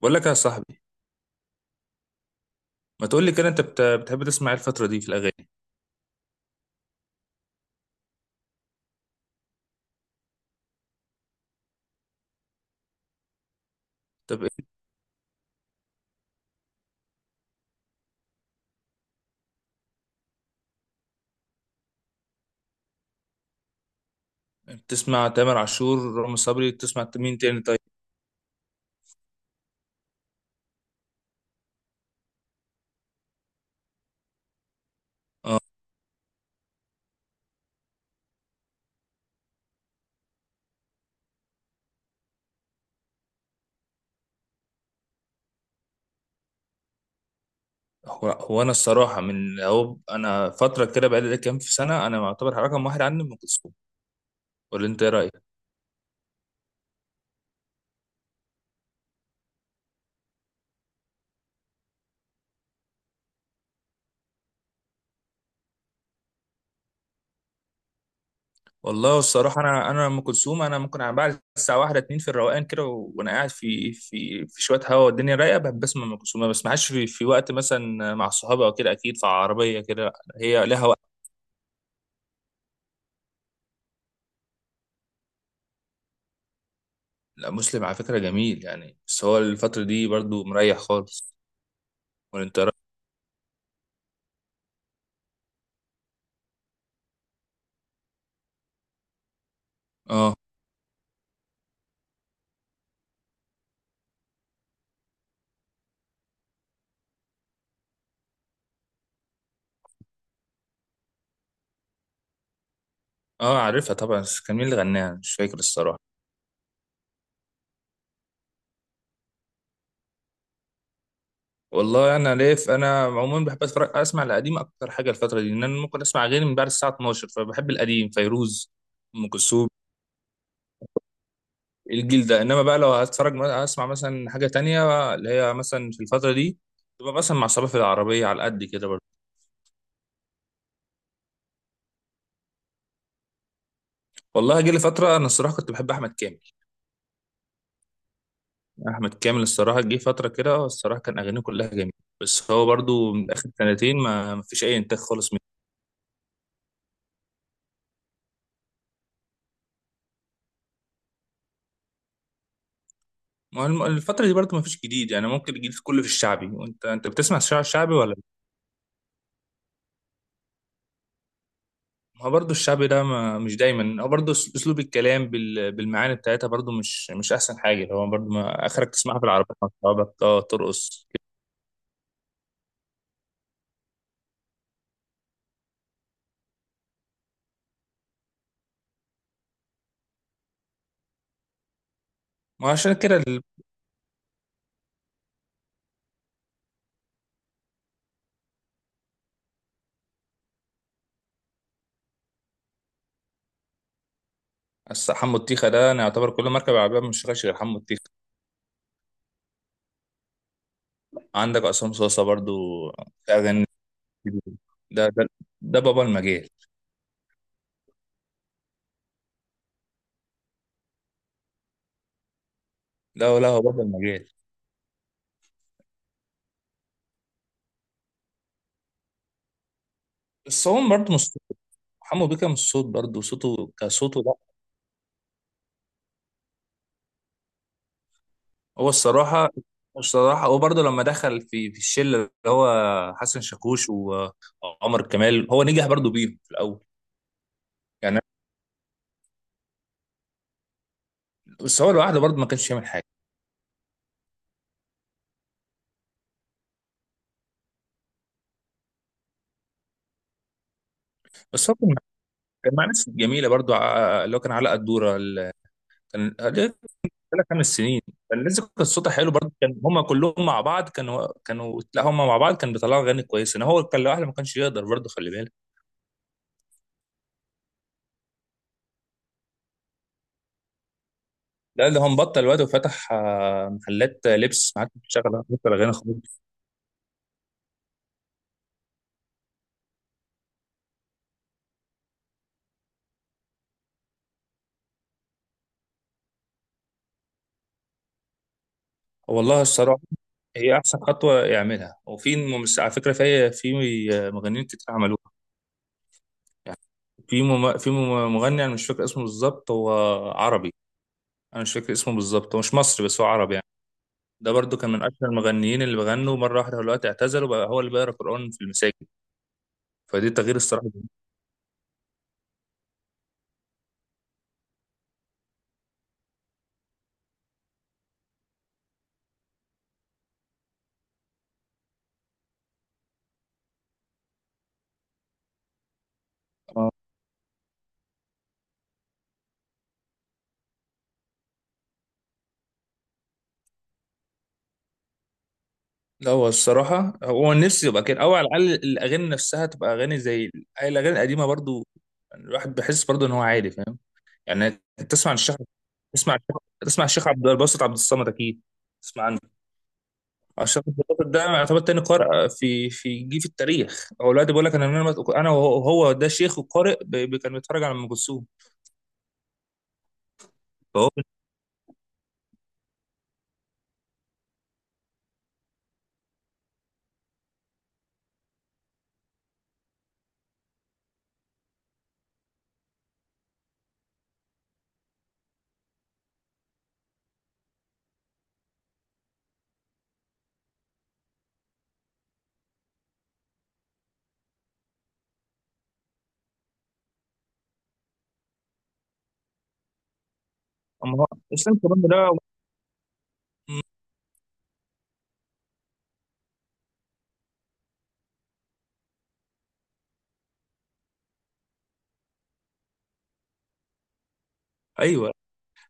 بقول لك يا صاحبي. ما تقول لي كده انت بتحب تسمع ايه الفترة دي في الأغاني؟ طب ايه، بتسمع تامر عاشور، رامي صبري، بتسمع مين تاني طيب؟ هو انا الصراحة من هو انا فترة كده بقالي كام في سنة انا معتبر رقم واحد عني ام كلثوم، ولا انت ايه رأيك؟ والله الصراحة انا ام كلثوم انا ممكن على بعد الساعة واحدة اتنين في الروقان كده، وانا قاعد في شوية هوا والدنيا رايقة بحب اسمع ام كلثوم. ما بسمعهاش في وقت مثلا مع صحابي او كده، اكيد في عربية كده. هي لها وقت. لا مسلم على فكرة جميل يعني، بس هو الفترة دي برضو مريح خالص. وانت رأ- اه. اه عارفها طبعا، بس كان مين اللي غناها؟ أنا مش فاكر الصراحة. والله انا ليف، انا عموما بحب اتفرج اسمع القديم اكتر حاجة الفترة دي، ان انا ممكن اسمع غير من بعد الساعة 12، فبحب القديم، فيروز، ام كلثوم، الجيل ده. انما بقى لو هتفرج اسمع مثلا حاجة تانية اللي هي مثلا في الفترة دي، تبقى مثلا مع صباح في العربية على قد كده برضه. والله جه لي فترة انا الصراحة كنت بحب احمد كامل. احمد كامل الصراحه جه فتره كده، اه الصراحه كان اغانيه كلها جميله، بس هو برضو من اخر سنتين ما فيش اي انتاج خالص منه. ما هو الفتره دي برضو ما فيش جديد، يعني ممكن الجديد كله في الشعبي، وانت بتسمع الشعبي ولا لا؟ ما هو برضو الشعبي ده ما مش دايما، هو برضو اسلوب الكلام بالمعاني بتاعتها برضو مش احسن حاجه، هو برضو ما اخرك تسمعها في العربية مع اصحابك اه ترقص كده. ما هو عشان كده حمو الطيخه ده انا يعتبر كل مركب عربيه مش شغال غير حمو الطيخه. عندك عصام صاصه برضو اغاني، ده ده ده بابا المجال. لا لا، هو بابا المجال، بس هو برضه مش صوت. حمو بيكا مش صوت برضه، صوته كصوته لا. هو الصراحة هو برضه لما دخل في الشلة اللي هو حسن شاكوش وعمر كمال، هو نجح برضه بيهم في الأول، يعني، بس هو لوحده برضه ما كانش يعمل حاجة. بس هو كان مع كان مع ناس جميلة برضه، اللي هو كان علاء الدورة، كان ثلاث خمس سنين، فالناس كانت صوتها حلو برضه، كان هم كلهم مع بعض، كانوا لا، هم مع بعض كان بيطلعوا اغاني كويسه، انا هو كان لوحده ما كانش يقدر برضه، خلي بالك. لا ده هو مبطل الواد، وفتح محلات لبس، ما عادش بيشتغل، بطل اغاني خالص. والله الصراحه هي احسن خطوه يعملها، وفي على فكره في مغنيين كتير عملوها، يعني في مغني انا مش فاكر اسمه بالظبط، هو عربي، انا مش فاكر اسمه بالظبط، هو مش مصري بس هو عربي. ده برضو كان من اشهر المغنيين اللي بغنوا، مره واحده دلوقتي اعتزلوا بقى، هو اللي بيقرا قران في المساجد، فدي تغيير الصراحه. آه. لا هو الصراحه هو نفسي يبقى كده، او على الاقل الاغاني نفسها تبقى اغاني زي الاغاني القديمه برضو، يعني الواحد بيحس برضو ان هو عادي، فاهم؟ يعني تسمع عن الشيخ تسمع عن الشيخ عبد الباسط عبد الصمد، اكيد تسمع عنه. الشيخ عبد الباسط ده يعتبر تاني قارئ في التاريخ، هو دلوقتي بيقول لك انا، من انا انا وهو ده شيخ وقارئ كان بيتفرج على ام كلثوم. فهو أما هو الاسلام كمان ده. ايوه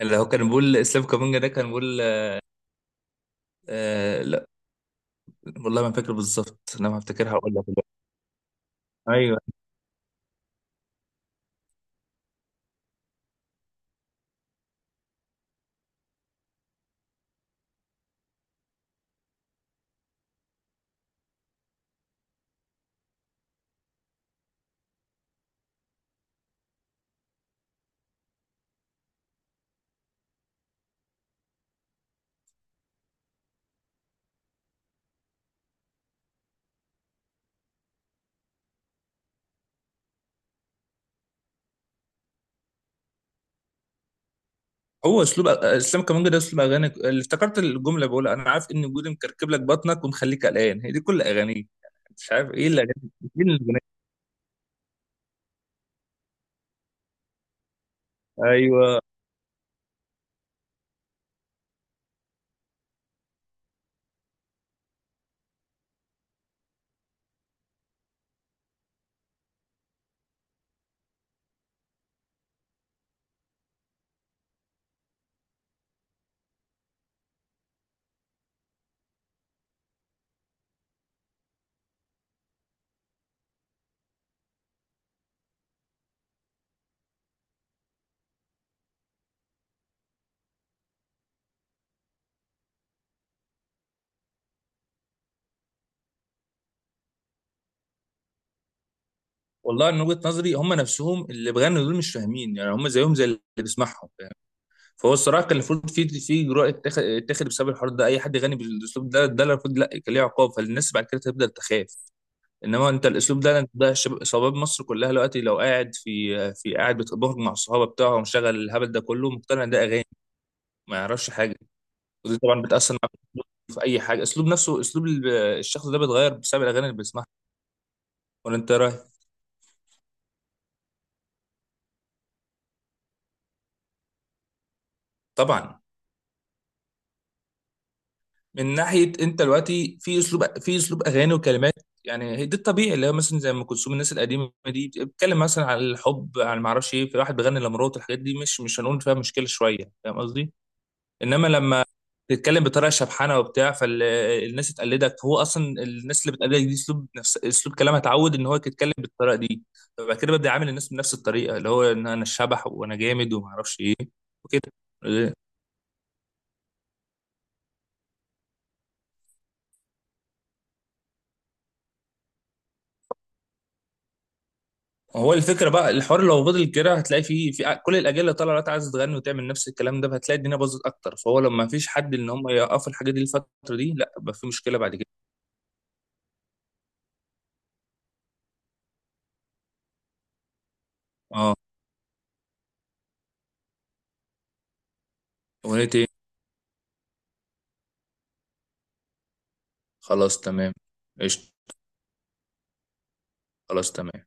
اللي هو كان بيقول اسلام كامونجا، ده كان بيقول آه لا، والله ما فاكر بالظبط، لما افتكرها هقول لك دلوقتي. ايوه. هو اسلوب اسلام كامونجا ده اسلوب اغاني، اللي افتكرت الجمله بقول، انا عارف ان وجودي مكركب لك بطنك ومخليك قلقان، هي دي كل اغانيه، مش عارف ايه الاغاني الاغاني. ايوه. والله من وجهه نظري هم نفسهم اللي بيغنوا دول مش فاهمين، يعني هم زيهم زي اللي بيسمعهم، فاهم؟ فهو الصراحه كان المفروض في جرأه اتخذ بسبب الحوار ده، اي حد يغني بالاسلوب ده المفروض لا كان ليه عقاب، فالناس بعد كده تبدا تخاف. انما انت الاسلوب ده، انت ده شباب مصر كلها دلوقتي، لو قاعد في في قاعد بتبهج مع الصحابه بتاعه ومشغل الهبل ده كله، مقتنع ان ده اغاني، ما يعرفش حاجه، ودي طبعا بتاثر معاه في اي حاجه، اسلوب نفسه، اسلوب الشخص ده بيتغير بسبب الاغاني اللي بيسمعها، ولا انت إيه رايك؟ طبعا. من ناحيه انت دلوقتي في اسلوب اغاني وكلمات، يعني هي ده الطبيعي اللي هو مثلا زي ام كلثوم، الناس القديمه دي بتتكلم مثلا عن الحب، عن ما اعرفش ايه، في واحد بيغني لمراته، الحاجات دي مش هنقول فيها مشكله شويه، فاهم قصدي؟ انما لما تتكلم بطريقه شبحانه وبتاع، فالناس تقلدك، هو اصلا الناس اللي بتقلدك دي اسلوب، نفس اسلوب كلامها، اتعود ان هو يتكلم بالطريقه دي، فبعد كده ببدا اعامل الناس بنفس الطريقه، اللي هو ان انا الشبح وانا جامد وما اعرفش ايه وكده. هو الفكره بقى الحوار لو فضل كده، هتلاقي فيه في كل الاجيال اللي طالعه دلوقتي عايزه تغني وتعمل نفس الكلام ده، فهتلاقي الدنيا باظت اكتر، فهو لما مفيش حد ان هم يوقفوا الحاجه دي الفتره دي، لا بقى في مشكله بعد كده. اه. اغنيه ايه؟ خلاص تمام، قشطه. خلاص تمام.